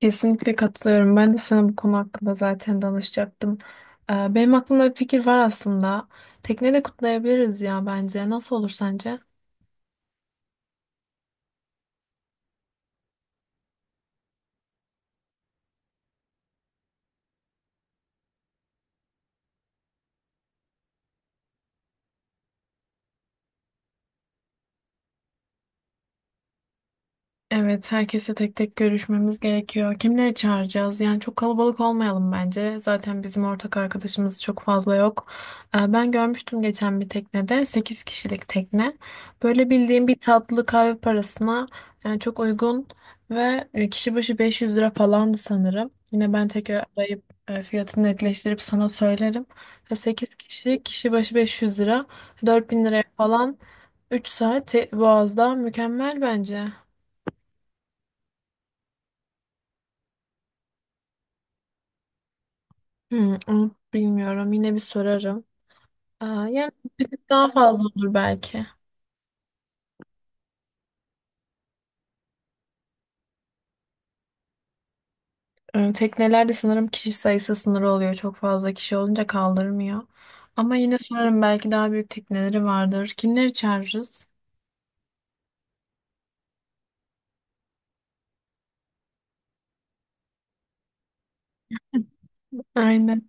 Kesinlikle katılıyorum. Ben de sana bu konu hakkında zaten danışacaktım. Benim aklımda bir fikir var aslında. Tekne de kutlayabiliriz ya bence. Nasıl olur sence? Evet, herkese tek tek görüşmemiz gerekiyor. Kimleri çağıracağız? Yani çok kalabalık olmayalım bence. Zaten bizim ortak arkadaşımız çok fazla yok. Ben görmüştüm geçen bir teknede 8 kişilik tekne. Böyle bildiğim bir tatlı kahve parasına yani çok uygun ve kişi başı 500 lira falandı sanırım. Yine ben tekrar arayıp fiyatını netleştirip sana söylerim. Sekiz kişi başı 500 lira, 4000 liraya falan 3 saat Boğaz'da mükemmel bence. Hmm, onu bilmiyorum. Yine bir sorarım. Yani bir tık daha fazla olur belki. Teknelerde sanırım kişi sayısı sınırı oluyor. Çok fazla kişi olunca kaldırmıyor. Ama yine sorarım, belki daha büyük tekneleri vardır. Kimleri çağırırız? Aynen.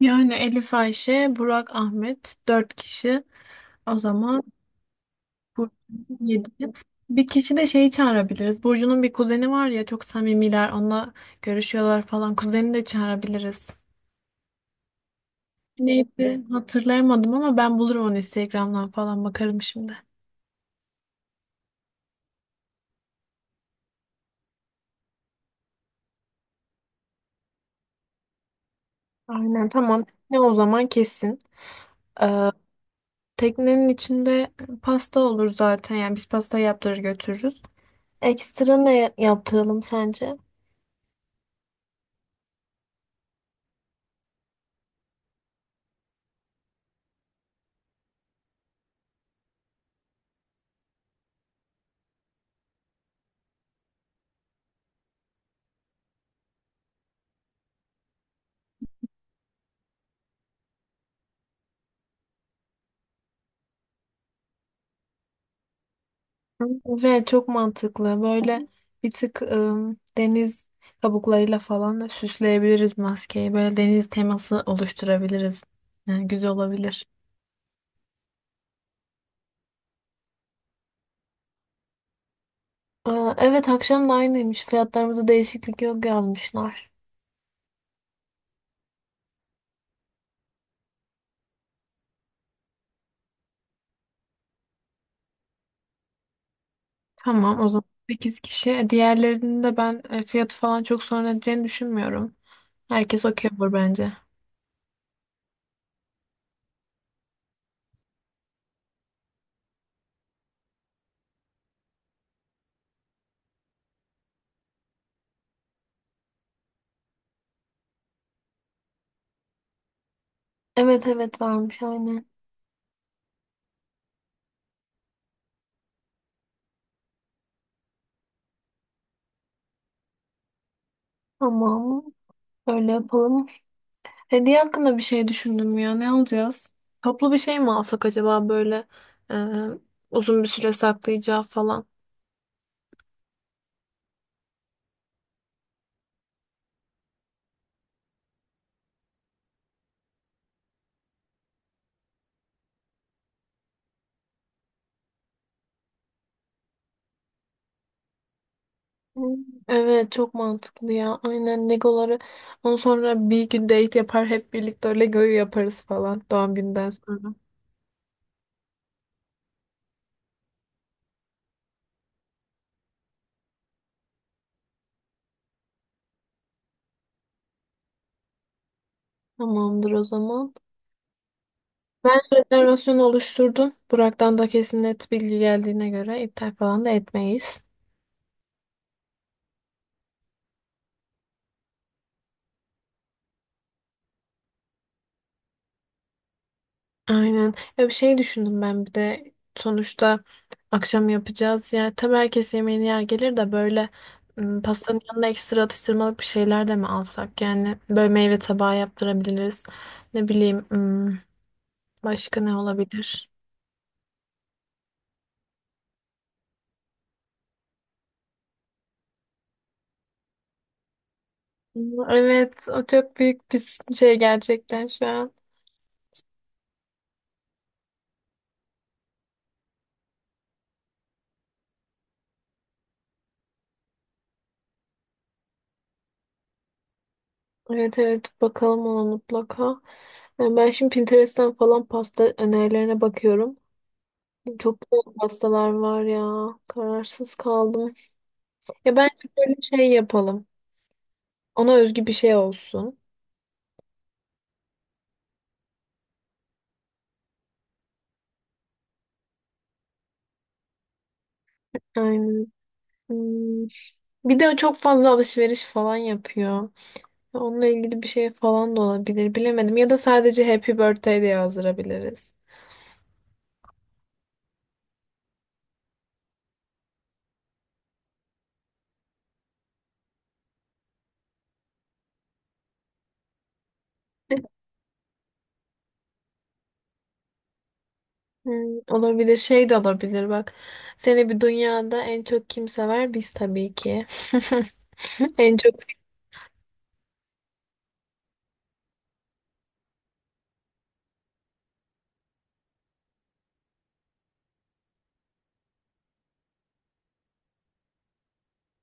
Yani Elif, Ayşe, Burak, Ahmet dört kişi. O zaman Burcu yedi. Bir kişi de şeyi çağırabiliriz. Burcu'nun bir kuzeni var ya, çok samimiler. Onunla görüşüyorlar falan. Kuzeni de çağırabiliriz. Neydi? Hatırlayamadım ama ben bulurum onu, Instagram'dan falan bakarım şimdi. Aynen, tamam. Ne o zaman kesin. Ee, Teknenin içinde pasta olur zaten. Yani biz pasta yaptırır götürürüz. Ekstra ne yaptıralım sence? Hı. Ve çok mantıklı. Böyle bir tık deniz kabuklarıyla falan da süsleyebiliriz maskeyi. Böyle deniz teması oluşturabiliriz. Yani güzel olabilir. Evet, akşam da aynıymış. Fiyatlarımızda değişiklik yok yazmışlar. Tamam, o zaman 8 kişi. Diğerlerinin de ben fiyatı falan çok sorun edeceğini düşünmüyorum. Herkes okey olur bence. Evet, evet, varmış aynen. Tamam, öyle yapalım. Hediye hakkında bir şey düşündüm ya. Ne alacağız? Toplu bir şey mi alsak acaba, böyle e, uzun bir süre saklayacağı falan. Hmm, evet, çok mantıklı ya. Aynen, Legoları. Ondan sonra bir gün date yapar, hep birlikte Lego'yu yaparız falan, doğum günden sonra. Tamamdır o zaman. Ben rezervasyonu oluşturdum. Burak'tan da kesin net bilgi geldiğine göre iptal falan da etmeyiz. Aynen. Ya bir şey düşündüm ben bir de, sonuçta akşam yapacağız. Yani tabii herkes yemeğini yer gelir de, böyle pastanın yanına ekstra atıştırmalık bir şeyler de mi alsak? Yani böyle meyve tabağı yaptırabiliriz. Ne bileyim. Başka ne olabilir? Evet, o çok büyük bir şey gerçekten şu an. Evet, evet, bakalım ona mutlaka. Yani ben şimdi Pinterest'ten falan pasta önerilerine bakıyorum. Çok güzel pastalar var ya. Kararsız kaldım. Ya bence böyle şey yapalım. Ona özgü bir şey olsun. Aynen. Hmm. Bir de o çok fazla alışveriş falan yapıyor. Onunla ilgili bir şey falan da olabilir. Bilemedim. Ya da sadece Happy Birthday diye yazdırabiliriz. Hmm, olabilir, şey de olabilir bak. Seni bir dünyada en çok kim sever? Biz tabii ki. En çok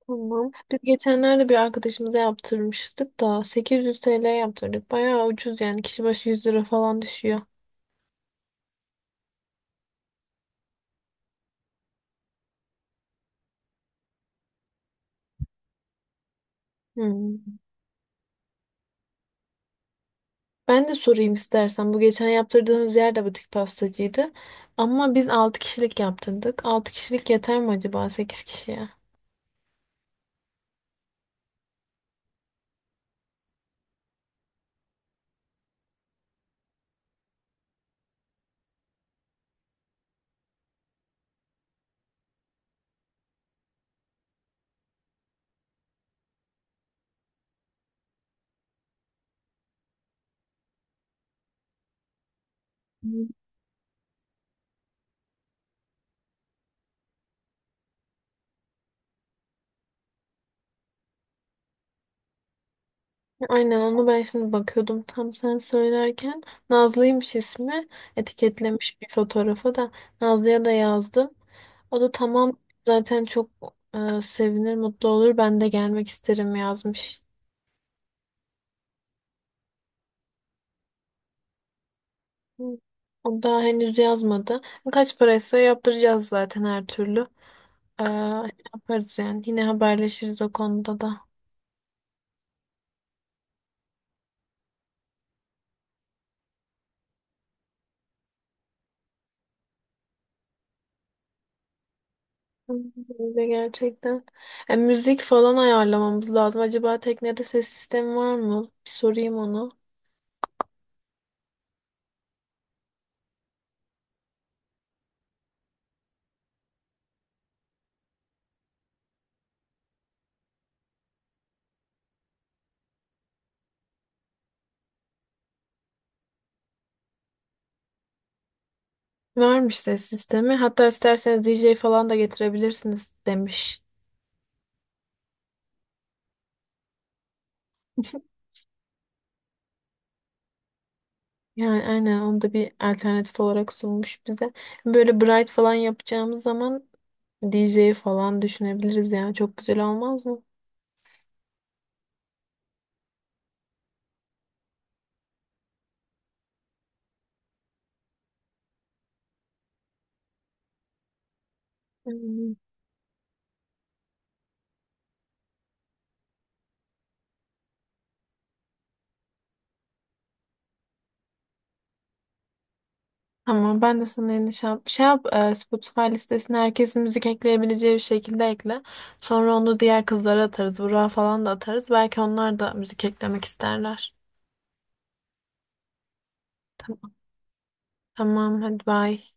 tamam. Biz geçenlerde bir arkadaşımıza yaptırmıştık da 800 TL yaptırdık. Bayağı ucuz yani, kişi başı 100 lira falan düşüyor. Hmm. Ben de sorayım istersen. Bu geçen yaptırdığımız yer de butik pastacıydı. Ama biz 6 kişilik yaptırdık. Altı kişilik yeter mi acaba 8 kişiye? Aynen, onu ben şimdi bakıyordum tam sen söylerken. Nazlı'ymış ismi. Etiketlemiş bir fotoğrafa da. Nazlı'ya da yazdım. O da tamam, zaten çok sevinir, mutlu olur. Ben de gelmek isterim yazmış. Hı. O daha henüz yazmadı. Kaç paraysa yaptıracağız zaten her türlü. Şey yaparız yani. Yine haberleşiriz o konuda da. Öyle gerçekten. E, müzik falan ayarlamamız lazım. Acaba teknede ses sistemi var mı? Bir sorayım onu. Varmış ses sistemi. Hatta isterseniz DJ falan da getirebilirsiniz demiş. Yani aynen, onu da bir alternatif olarak sunmuş bize. Böyle bright falan yapacağımız zaman DJ falan düşünebiliriz yani. Çok güzel olmaz mı? Hmm. Tamam, ben de sana yeni şey yap. Şey yap, Spotify listesine herkesin müzik ekleyebileceği bir şekilde ekle. Sonra onu diğer kızlara atarız. Burak'a falan da atarız. Belki onlar da müzik eklemek isterler. Tamam, tamam, hadi bye.